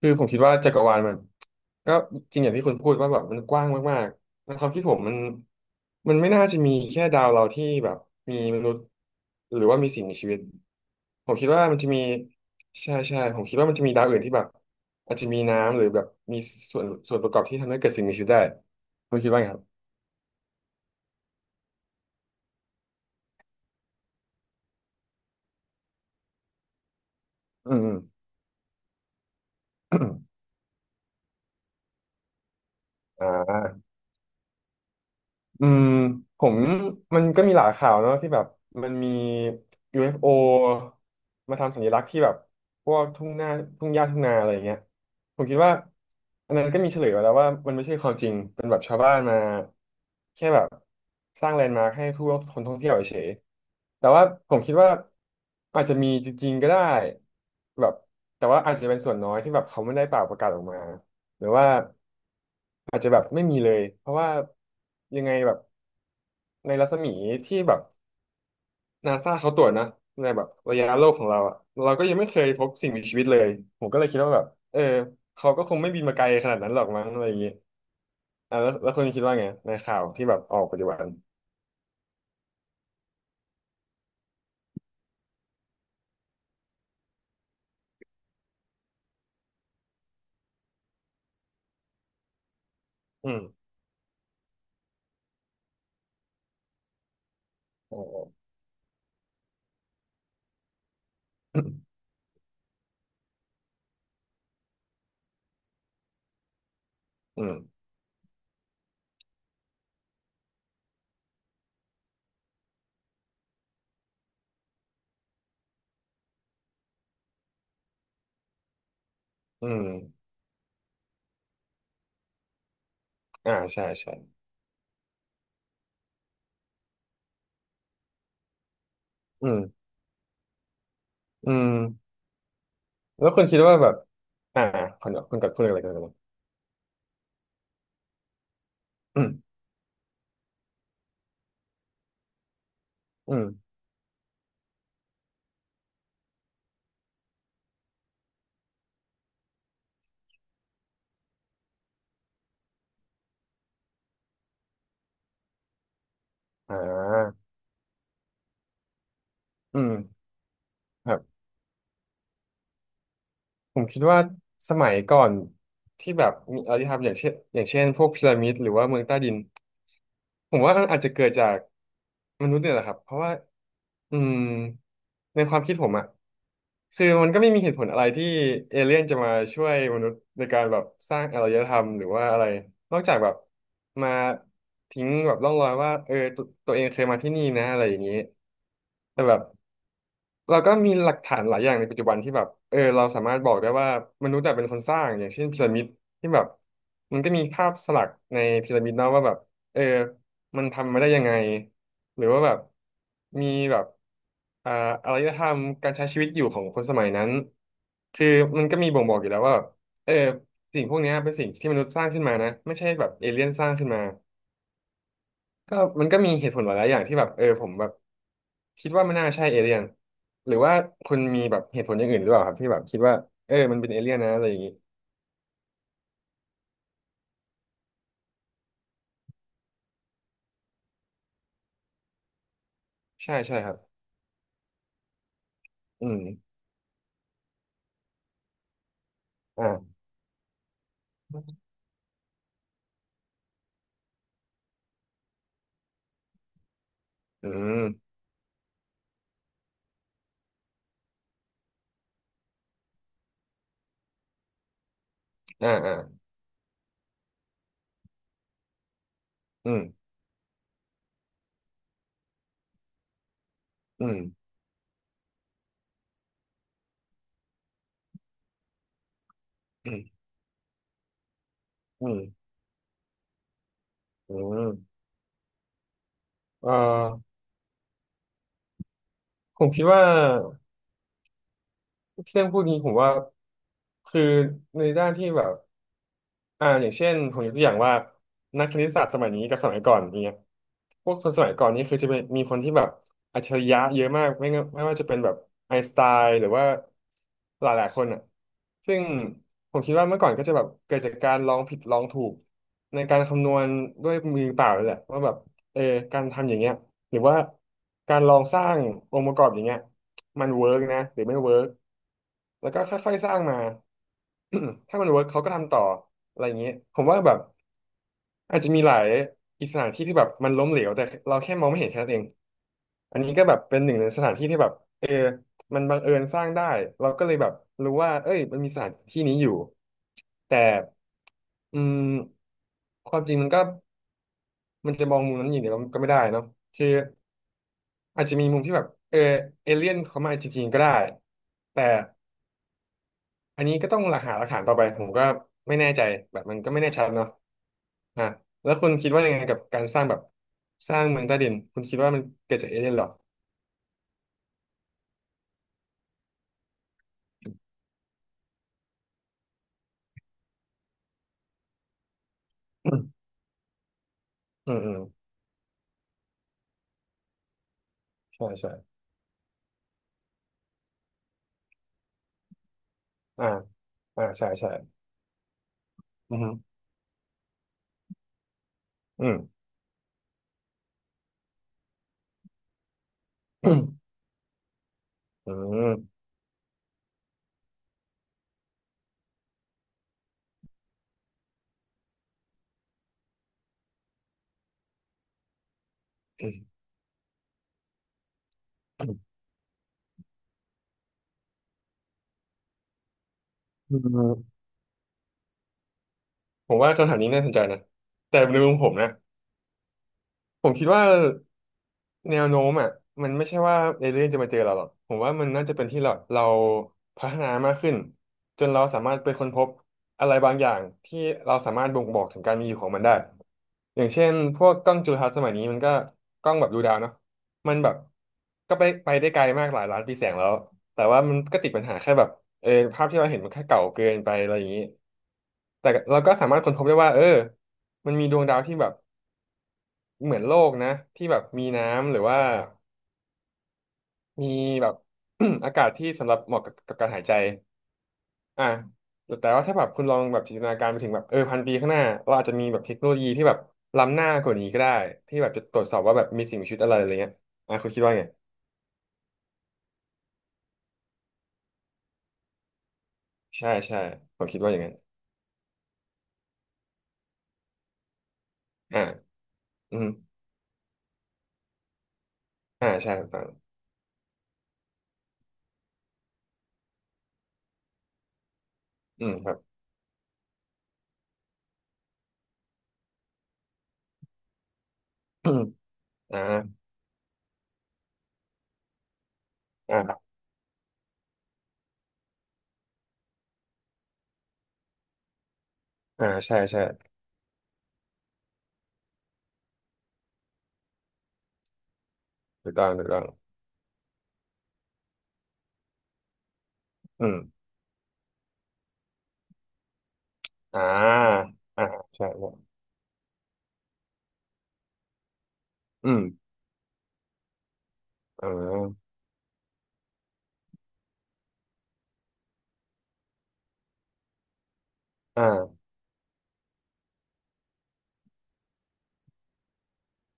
คือผมคิดว่าจักรวาลมันก็จริงอย่างที่คุณพูดว่าแบบมันกว้างมากๆในความคิดผมมันไม่น่าจะมีแค่ดาวเราที่แบบมีมนุษย์หรือว่ามีสิ่งมีชีวิตผมคิดว่ามันจะมีใช่ใช่ผมคิดว่ามันจะมีดาวอื่นที่แบบอาจจะมีน้ำหรือแบบมีส่วนประกอบที่ทำให้เกิดสิ่งมีชีวิตได้คุณคิดว่าไงครับอืมอืม อ่า อืมผมมันก็มีหลายข่าวเนอะที่แบบมันมี UFO มาทำสัญลักษณ์ที่แบบพวกทุ่งหน้าทุ่งหญ้าทุ่งนาอะไรอย่างเงี้ยผมคิดว่าอันนั้นก็มีเฉลยมาแล้วว่ามันไม่ใช่ความจริงเป็นแบบชาวบ้านมาแค่แบบสร้างแลนด์มาร์คให้ผู้คนท่องเที่ยวเฉยๆแต่ว่าผมคิดว่าอาจจะมีจริงๆก็ได้แบบแต่ว่าอาจจะเป็นส่วนน้อยที่แบบเขาไม่ได้เปล่าประกาศออกมาหรือว่าอาจจะแบบไม่มีเลยเพราะว่ายังไงแบบ ในรัศมีที่แบบนาซาเขาตรวจนะในแบบระยะโลกของเราอะเราก็ยังไม่เคยพบสิ่งมีชีวิตเลยผมก็เลยคิดว่าแบบเออเขาก็คงไม่บินมาไกลขนาดนั้นหรอกมั้งอะไรอย่างเงี้ยอ่ะแล้วคุณคิดว่าไงในข่าวที่แบบออกปัจจุบันอืมอ๋ออืมอืมอ่าใช่ใช่อืมอืมแล้วคุณคิดว่าแบบอ่าคุณกับคุณอะไรกันอืมอืมอ่าอืมครับ ผมคิดว่าสมัยก่อนที่แบบมีอารยธรรมอย่างเช่นพวกพีระมิดหรือว่าเมืองใต้ดินผมว่ามันอาจจะเกิดจากมนุษย์เนี่ยแหละครับเพราะว่าอืมในความคิดผมอะคือมันก็ไม่มีเหตุผลอะไรที่เอเลี่ยนจะมาช่วยมนุษย์ในการแบบสร้างอารยธรรมหรือว่าอะไรนอกจากแบบมาทิ้งแบบร่องรอยว่าเออตวตัวเองเคยมาที่นี่นะอะไรอย่างนี้แต่แบบ เราก็มีหลักฐานหลายอย่างในปัจจุบันที่แบบเออเราสามารถบอกได้ว่ามนุษย์แบบเป็นคนสร้างอย่างเช่นพีระมิดที่แบบมันก็มีภาพสลักในพีระมิดเนาะว่าแบบเออมันทำมาได้ยังไงหรือว่าแบบมีแบบอ่าอารยธรรมการใช้ชีวิตอยู่ของคนสมัยนั้นคือมันก็มีบ่งบอกอยู่แล้วว่าแบบเออสิ่งพวกเนี้ยเป็นสิ่งที่มนุษย์สร้างขึ้นมานะไม่ใช่แบบเอเลี่ยนสร้างขึ้นมา ก็มันก็มีเหตุผลหลายๆอย่างที่แบบเออผมแบบคิดว่ามันน่าใช่เอเลี่ยนหรือว่าคุณมีแบบเหตุผลอย่างอื่นหรือเปล่าครับที่แบบคิดว่าเออมันเป็นเอเลี่ยนนะอะไรอย่างนี้ใช่ใช่ครับอืมอ่าอืมอ่าอ่าอืมอืมอืมอืมอืมเออผมคิดว่า เรื่องพวกนี้ผมว่าคือในด้านที่แบบอย่างเช่นผมยกตัวอย่างว่านักคณิตศาสตร์สมัยนี้กับสมัยก่อนอย่างเงี้ยพวกคนสมัยก่อนนี่คือจะเป็นมีคนที่แบบอัจฉริยะเยอะมากไม่งั้นไม่ว่าจะเป็นแบบไอน์สไตน์หรือว่าหลายคนอ่ะซึ่งผมคิดว่าเมื่อก่อนก็จะแบบเกิดจากการลองผิดลองถูกในการคำนวณด้วยมือเปล่าเลยแหละว่าแบบเออการทำอย่างเงี้ยหรือว่าการลองสร้างองค์ประกอบอย่างเงี้ยมันเวิร์กนะหรือไม่เวิร์ก แล้วก็ค่อยๆสร้างมา ถ้ามันเวิร์กเขาก็ทำต่ออะไรอย่างนี้ผมว่าแบบอาจจะมีหลายอีกสถานที่ที่แบบมันล้มเหลวแต่เราแค่มองไม่เห็นแค่นั้นเองอันนี้ก็แบบเป็นหนึ่งในสถานที่ที่แบบเออมันบังเอิญสร้างได้เราก็เลยแบบรู้ว่าเอ้ยมันมีสถานที่นี้อยู่แต่อืมความจริงมันก็มันจะมองมุมนั้นอย่างเดียวก็ไม่ได้เนาะคืออาจจะมีมุมที่แบบเออเอเลี่ยนเขามาจริงๆก็ได้แต่ อันนี้ก็ต้องหลักหาหลักฐานต่อไปผมก็ไม่แน่ใจแบบมันก็ไม่แน่ชัดเนาะอ่ะแล้วคุณคิดว่ายังไงกับการสร้างแบบสร้างเมืองใต้ดินคุณคิดว่ามันเกิดจากเอเลี่ยนหรออืมอืมใช่ใช่อ่าใช่ใช่อืออืมอืมอืมอืมอืมผมว่าคำถามนี้น่าสนใจนะแต่ในมุมผมนะผมคิดว่า แนวโน้มอ่ะมันไม่ใช่ว่าเอเลี่ยนจะมาเจอเราหรอกผมว่ามันน่าจะเป็นที่เราพัฒนามากขึ้นจนเราสามารถไปค้นพบอะไรบางอย่างที่เราสามารถบ่งบอกถึงการมีอยู่ของมันได้อย่างเช่นพวกกล้องจุลทรรศน์สมัยนี้มันก็กล้องแบบดูดาวเนาะมันแบบก็ไปได้ไกลมากหลายล้านปีแสงแล้วแต่ว่ามันก็ติดปัญหาแค่แบบเออภาพที่เราเห็นมันแค่เก่าเกินไปอะไรอย่างนี้แต่เราก็สามารถค้นพบได้ว่าเออมันมีดวงดาวที่แบบเหมือนโลกนะที่แบบมีน้ำหรือว่า มีแบบ อากาศที่สำหรับเหมาะกับการหายใจอ่ะแต่ว่าถ้าแบบคุณลองแบบจินตนาการไปถึงแบบเออพันปีข้างหน้าเราอาจจะมีแบบเทคโนโลยีที่แบบล้ำหน้ากว่านี้ก็ได้ที่แบบจะตรวจสอบว่าแบบมีสิ่งมีชีวิตอะไรอะไรเงี้ยอ่ะคุณคิดว่าไง ใช่ใช่ผมคิดว่าอย่างนั้นอ่าอืมอ่าใช่ถูกต้องอืมครับ อ่าอ่าอ่าใช่ใช่ถูกต้องถูกต้องอืมอ่าอ่าใช่ใช่อืมอ่าอ่า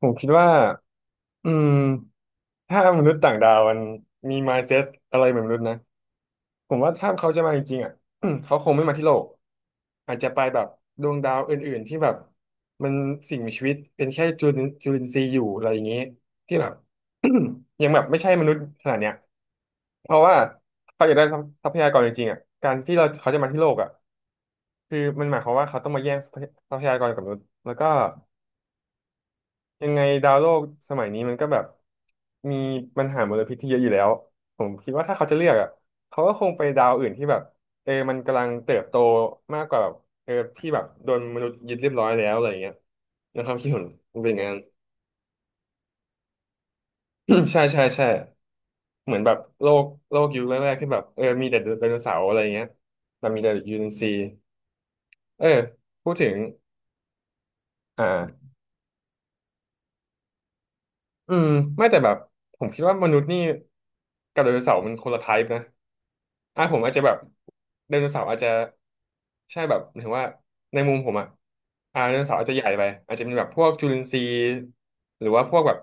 ผมคิดว่า อืมถ้ามนุษย์ต่างดาวมันมี mindset อะไรเหมือนมนุษย์นะผมว่าถ้าเขาจะมาจริงๆอ่ะ เขาคงไม่มาที่โลกอาจจะไปแบบดวงดาวอื่นๆที่แบบมันสิ่งมีชีวิตเป็นแค่จุลินทรีย์อยู่อะไรอย่างนี้ที่แบบ ยังแบบไม่ใช่มนุษย์ขนาดเนี้ยเพราะว่าเขาอยากได้ทรัพยากรจริงๆอ่ะการที่เราเขาจะมาที่โลกอ่ะคือมันหมายความว่าเขาต้องมาแย่งทรัพยากรกับมนุษย์แล้วก็ ยังไงดาวโลกสมัยนี้มันก็แบบมีปัญหามลพิษที่เยอะอยู่แล้วผมคิดว่าถ้าเขาจะเลือกอ่ะเขาก็คงไปดาวอื่นที่แบบเออมันกำลังเติบโตมากกว่าแบบเออที่แบบโดนมนุษย์ยึดเรียบร้อยแล้วอะไรอย่างเงี้ยนะครับคิดเห็นมันเป็นอย่างนั้น ใช่ใช่ใช่เหมือนแบบโลกโลกยุคแรกๆที่แบบเออมีแต่ไดโนเสาร์อะไรอย่างเงี้ยแต่มีแต่ยูเอ็นซีเออพูดถึงอ่า อืมไม่แต่แบบผมคิดว่ามนุษย์นี่กับไดโนเสาร์มันคนละไทป์นะอ่ะผมอาจจะแบบไดโนเสาร์อาจจะใช่แบบหมายถึงว่าในมุมผมอ่ะอ่าไดโนเสาร์อาจจะใหญ่ไปอาจจะเป็นแบบพวกจุลินทรีย์หรือว่าพวกแบบ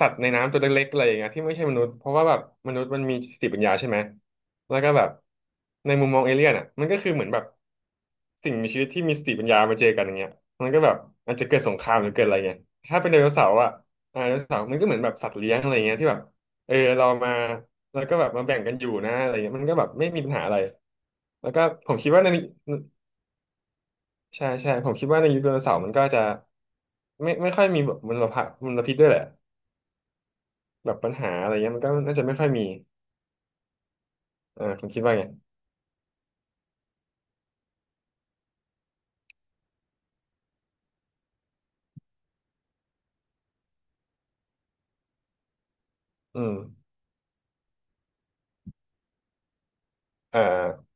สัตว์ในน้ำตัวเล็กๆอะไรอย่างเงี้ยที่ไม่ใช่มนุษย์เพราะว่าแบบมนุษย์มันมีสติปัญญาใช่ไหมแล้วก็แบบในมุมมองเอเลี่ยนอ่ะมันก็คือเหมือนแบบสิ่งมีชีวิตที่มีสติปัญญามาเจอกันอย่างเงี้ยมันก็แบบอาจจะเกิดสงครามหรือเกิดอะไรเงี้ยถ้าเป็นไดโนเสาร์อ่ะ อ่าไดโนเสาร์มันก็เหมือนแบบสัตว์เลี้ยงอะไรเงี้ยที่แบบเออเรามาแล้วก็แบบมาแบ่งกันอยู่นะอะไรเงี้ยมันก็แบบไม่มีปัญหาอะไรแล้วก็ผมคิดว่าในใช่ใช่ผมคิดว่าในยุคไดโนเสาร์มันก็จะไม่ค่อยมีแบบมลพิษด้วยแหละแบบปัญหาอะไรเงี้ยมันก็น่าจะไม่ค่อยมีอ่าผมคิดว่าไงอืมอ่า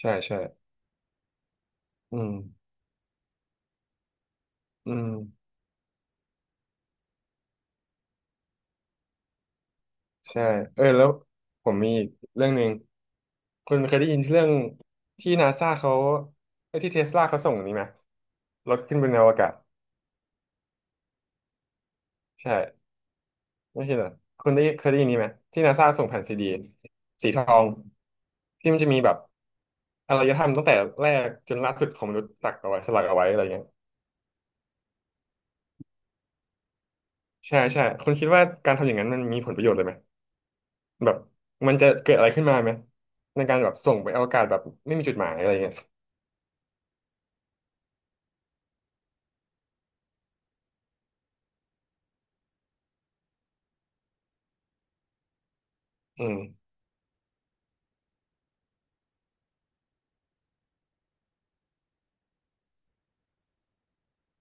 ใช่ใช่อืมอืม ใช่เออแล้วผมมีอีกเรื่องหนึ่งคุณเคยได้ยินเรื่องที่นาซาเขาเอ้ยที่เทสลาเขาส่งนี่ไหมรถขึ้นบนอวกาศใช่ไม่ใช่เหรอคุณได้เคยได้ยินนี้ไหมที่นาซาส่งแผ่นซีดีสีทองที่มันจะมีแบบอารยธรรมตั้งแต่แรกจนล่าสุดของมนุษย์ตักเอาไว้สลักเอาไว้อะไรเงี้ยใช่ใช่คุณคิดว่าการทำอย่างนั้นมันมีผลประโยชน์เลยไหมแบบมันจะเกิดอะไรขึ้นมาไหมในการแบบส่งไปอวกาศแบบไม่มีจุดหมายอะไรเงี้ยอืม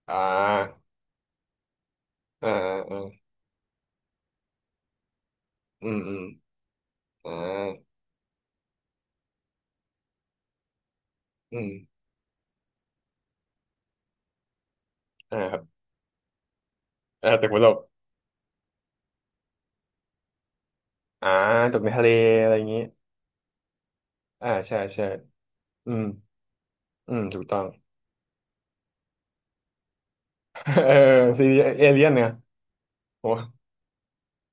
อ่า อ่าอ่าอืมอืมอ่าอืมอ่าครับอ่าตึกบนโลกอ่าตึกในทะเลอะไรอย่างงี้อ่าใช่ใช่อืมอืมถูกต้อง เออซีรีส์เอเลียนเนี่ยผม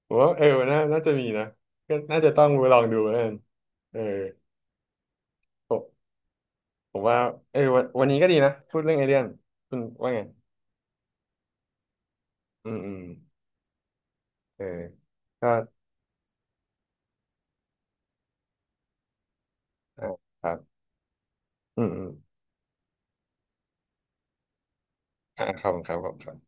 ผมว่าเออน่าจะมีนะก็น่าจะต้องไปลองดูแล้วกันเออผมผมว่าเออวันนี้ก็ดีนะพูดเรื่องเอเลียนคุณว่าไงอืมอืมเออก็อ่าครับอืมอืมอ่าครับผมครับผม